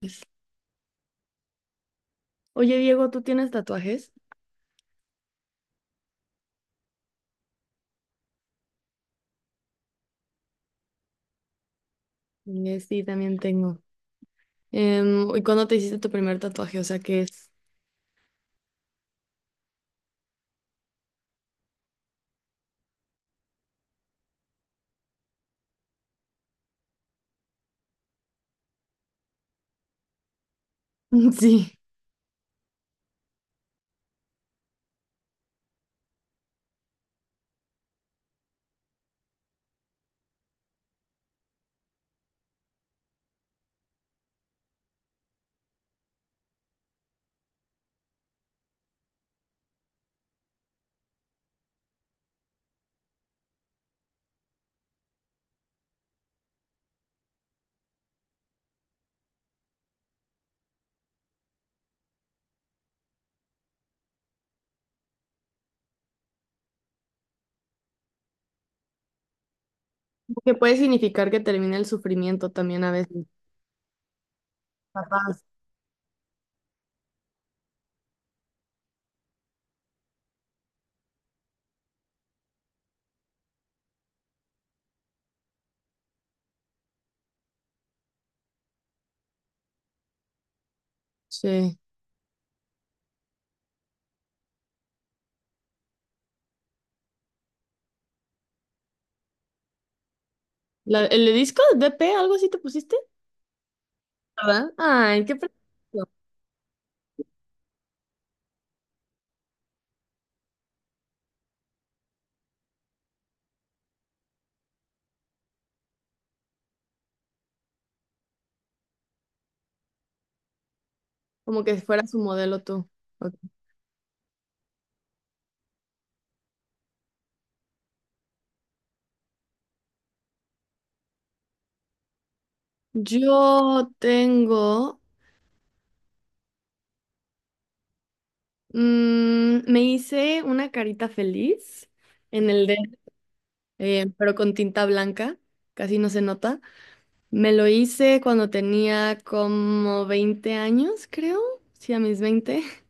Pues, oye, Diego, ¿tú tienes tatuajes? Sí, también tengo. ¿Y cuándo te hiciste tu primer tatuaje? O sea, ¿qué es? Sí, que puede significar que termina el sufrimiento también a veces. Capaz. Sí. ¿El de disco de DP, algo así te pusiste? ¿Verdad? Ay, qué precioso. Como que fuera su modelo tú. Ok. Yo tengo, me hice una carita feliz en el dedo, pero con tinta blanca, casi no se nota. Me lo hice cuando tenía como 20 años, creo. Sí, a mis 20.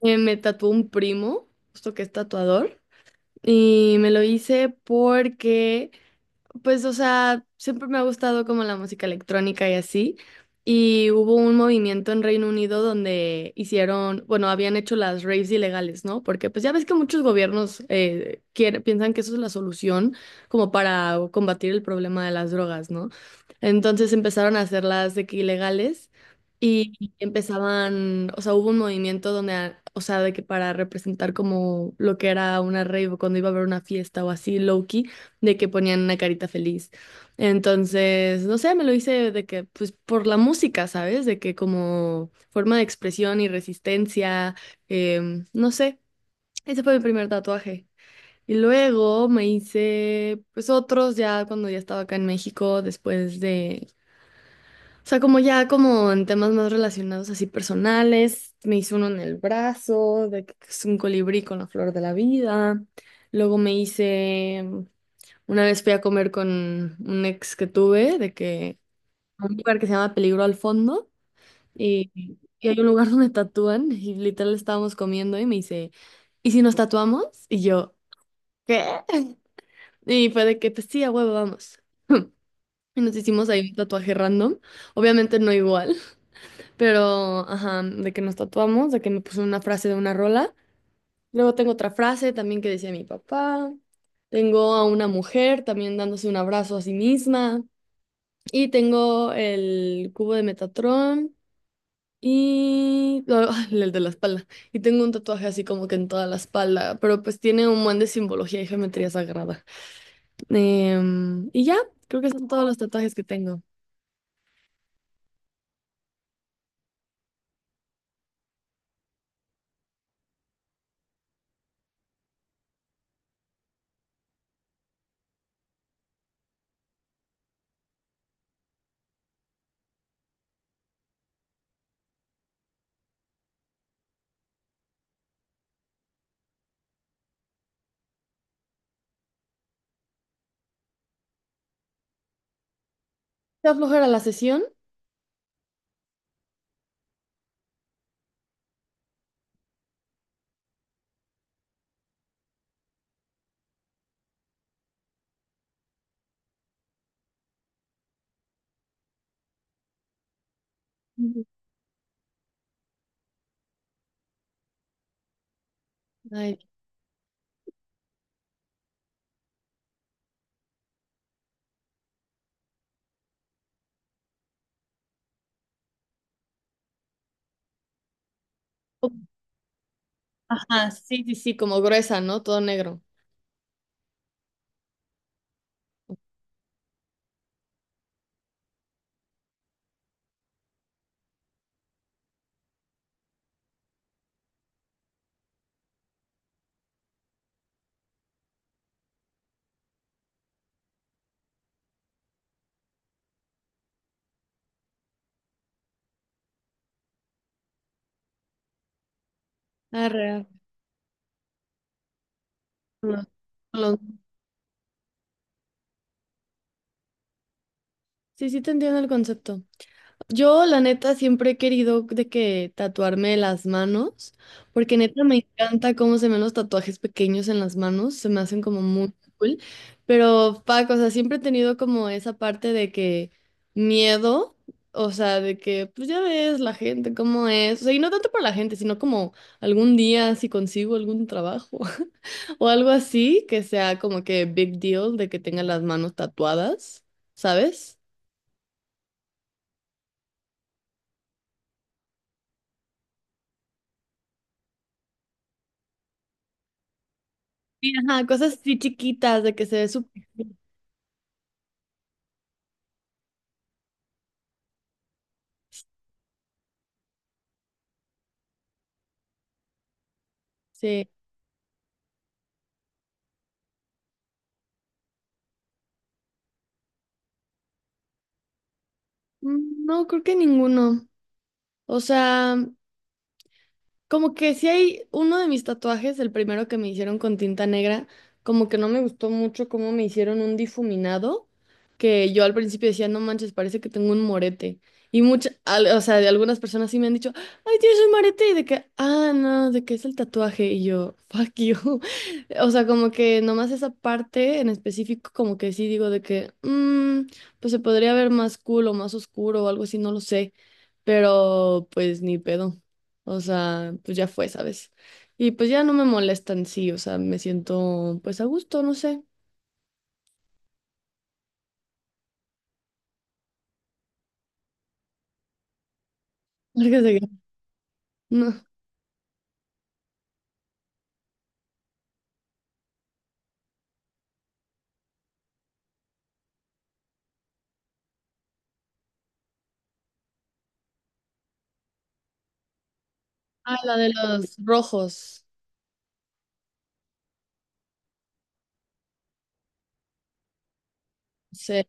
Me tatuó un primo, justo que es tatuador. Y me lo hice porque pues, o sea, siempre me ha gustado como la música electrónica y así. Y hubo un movimiento en Reino Unido donde hicieron, bueno, habían hecho las raves ilegales, ¿no? Porque pues ya ves que muchos gobiernos piensan que eso es la solución como para combatir el problema de las drogas, ¿no? Entonces empezaron a hacerlas de que ilegales y empezaban, o sea, hubo un movimiento donde, o sea, de que para representar como lo que era una rave o cuando iba a haber una fiesta o así, low de que ponían una carita feliz. Entonces, no sé, me lo hice de que, pues por la música, ¿sabes? De que como forma de expresión y resistencia, no sé, ese fue mi primer tatuaje. Y luego me hice, pues otros ya cuando ya estaba acá en México, después de, o sea, como ya como en temas más relacionados así personales, me hice uno en el brazo, de que es un colibrí con la flor de la vida. Luego me hice, una vez fui a comer con un ex que tuve, de que a un lugar que se llama Peligro al Fondo, y, y hay un lugar donde tatúan, y literal estábamos comiendo y me dice, ¿y si nos tatuamos? Y yo, ¿qué? Y fue de que, pues sí, a huevo, vamos. Y nos hicimos ahí un tatuaje random, obviamente no igual, pero, ajá, de que nos tatuamos, de que me puso una frase de una rola. Luego tengo otra frase también que decía mi papá. Tengo a una mujer también dándose un abrazo a sí misma. Y tengo el cubo de Metatron y no, el de la espalda. Y tengo un tatuaje así como que en toda la espalda, pero pues tiene un buen de simbología y geometría sagrada. Y ya, creo que son todos los tatuajes que tengo. ¿Te aflojera la sesión? Ujú. Ay. Oh, ajá, sí, sí, sí, como gruesa, ¿no? Todo negro. Arre, arre. No, no. Sí, sí te entiendo el concepto. Yo, la neta, siempre he querido de que tatuarme las manos, porque neta me encanta cómo se me ven los tatuajes pequeños en las manos, se me hacen como muy cool. Pero, fuck, o sea, siempre he tenido como esa parte de que miedo, o sea, de que, pues ya ves la gente, cómo es. O sea, y no tanto por la gente, sino como algún día si consigo algún trabajo o algo así, que sea como que big deal de que tenga las manos tatuadas, ¿sabes? Sí, ajá, cosas así chiquitas de que se ve súper bien. Sí. Mm, no, creo que ninguno. O sea, como que si hay uno de mis tatuajes, el primero que me hicieron con tinta negra, como que no me gustó mucho cómo me hicieron un difuminado, que yo al principio decía, no manches, parece que tengo un morete. Y muchas, o sea, de algunas personas sí me han dicho, ay, tienes un morete, y de que, ah, no, de que es el tatuaje, y yo, fuck you. O sea, como que nomás esa parte en específico, como que sí digo de que, "Mm, pues se podría ver más cool o más oscuro o algo así, no lo sé, pero pues ni pedo. O sea, pues ya fue, ¿sabes? Y pues ya no me molestan, sí, o sea, me siento pues a gusto, no sé. Marcas de guerra. No. Ah, la de los rojos. Sí.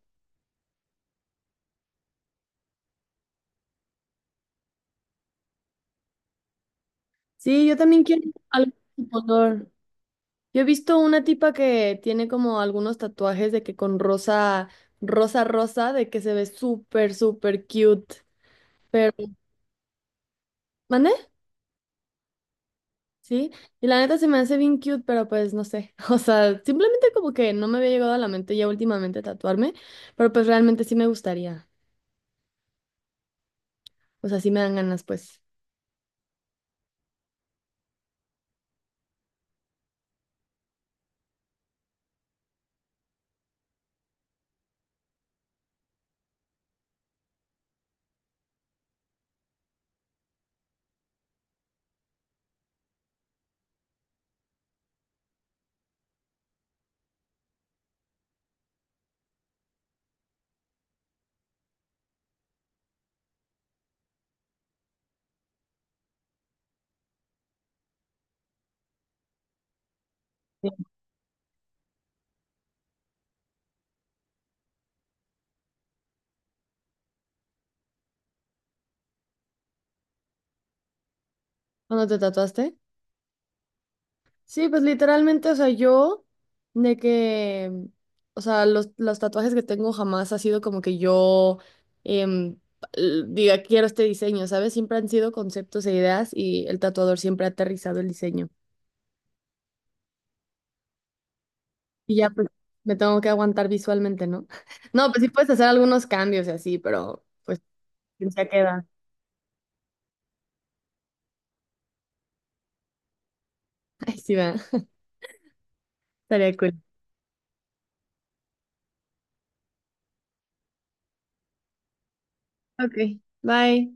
Sí, yo también quiero algo de ese color. Yo he visto una tipa que tiene como algunos tatuajes de que con rosa, rosa, rosa, de que se ve súper, súper cute. Pero, ¿mande? Sí, y la neta se me hace bien cute, pero pues no sé, o sea, simplemente como que no me había llegado a la mente ya últimamente tatuarme, pero pues realmente sí me gustaría, o sea, sí me dan ganas pues. Sí. ¿Cuándo te tatuaste? Sí, pues literalmente, o sea, yo de que, o sea, los tatuajes que tengo jamás ha sido como que yo em, diga, quiero este diseño, ¿sabes? Siempre han sido conceptos e ideas y el tatuador siempre ha aterrizado el diseño. Y ya pues me tengo que aguantar visualmente, ¿no? No, pues sí puedes hacer algunos cambios y así, pero pues ya queda. Ahí sí va. Estaría cool. Ok, bye.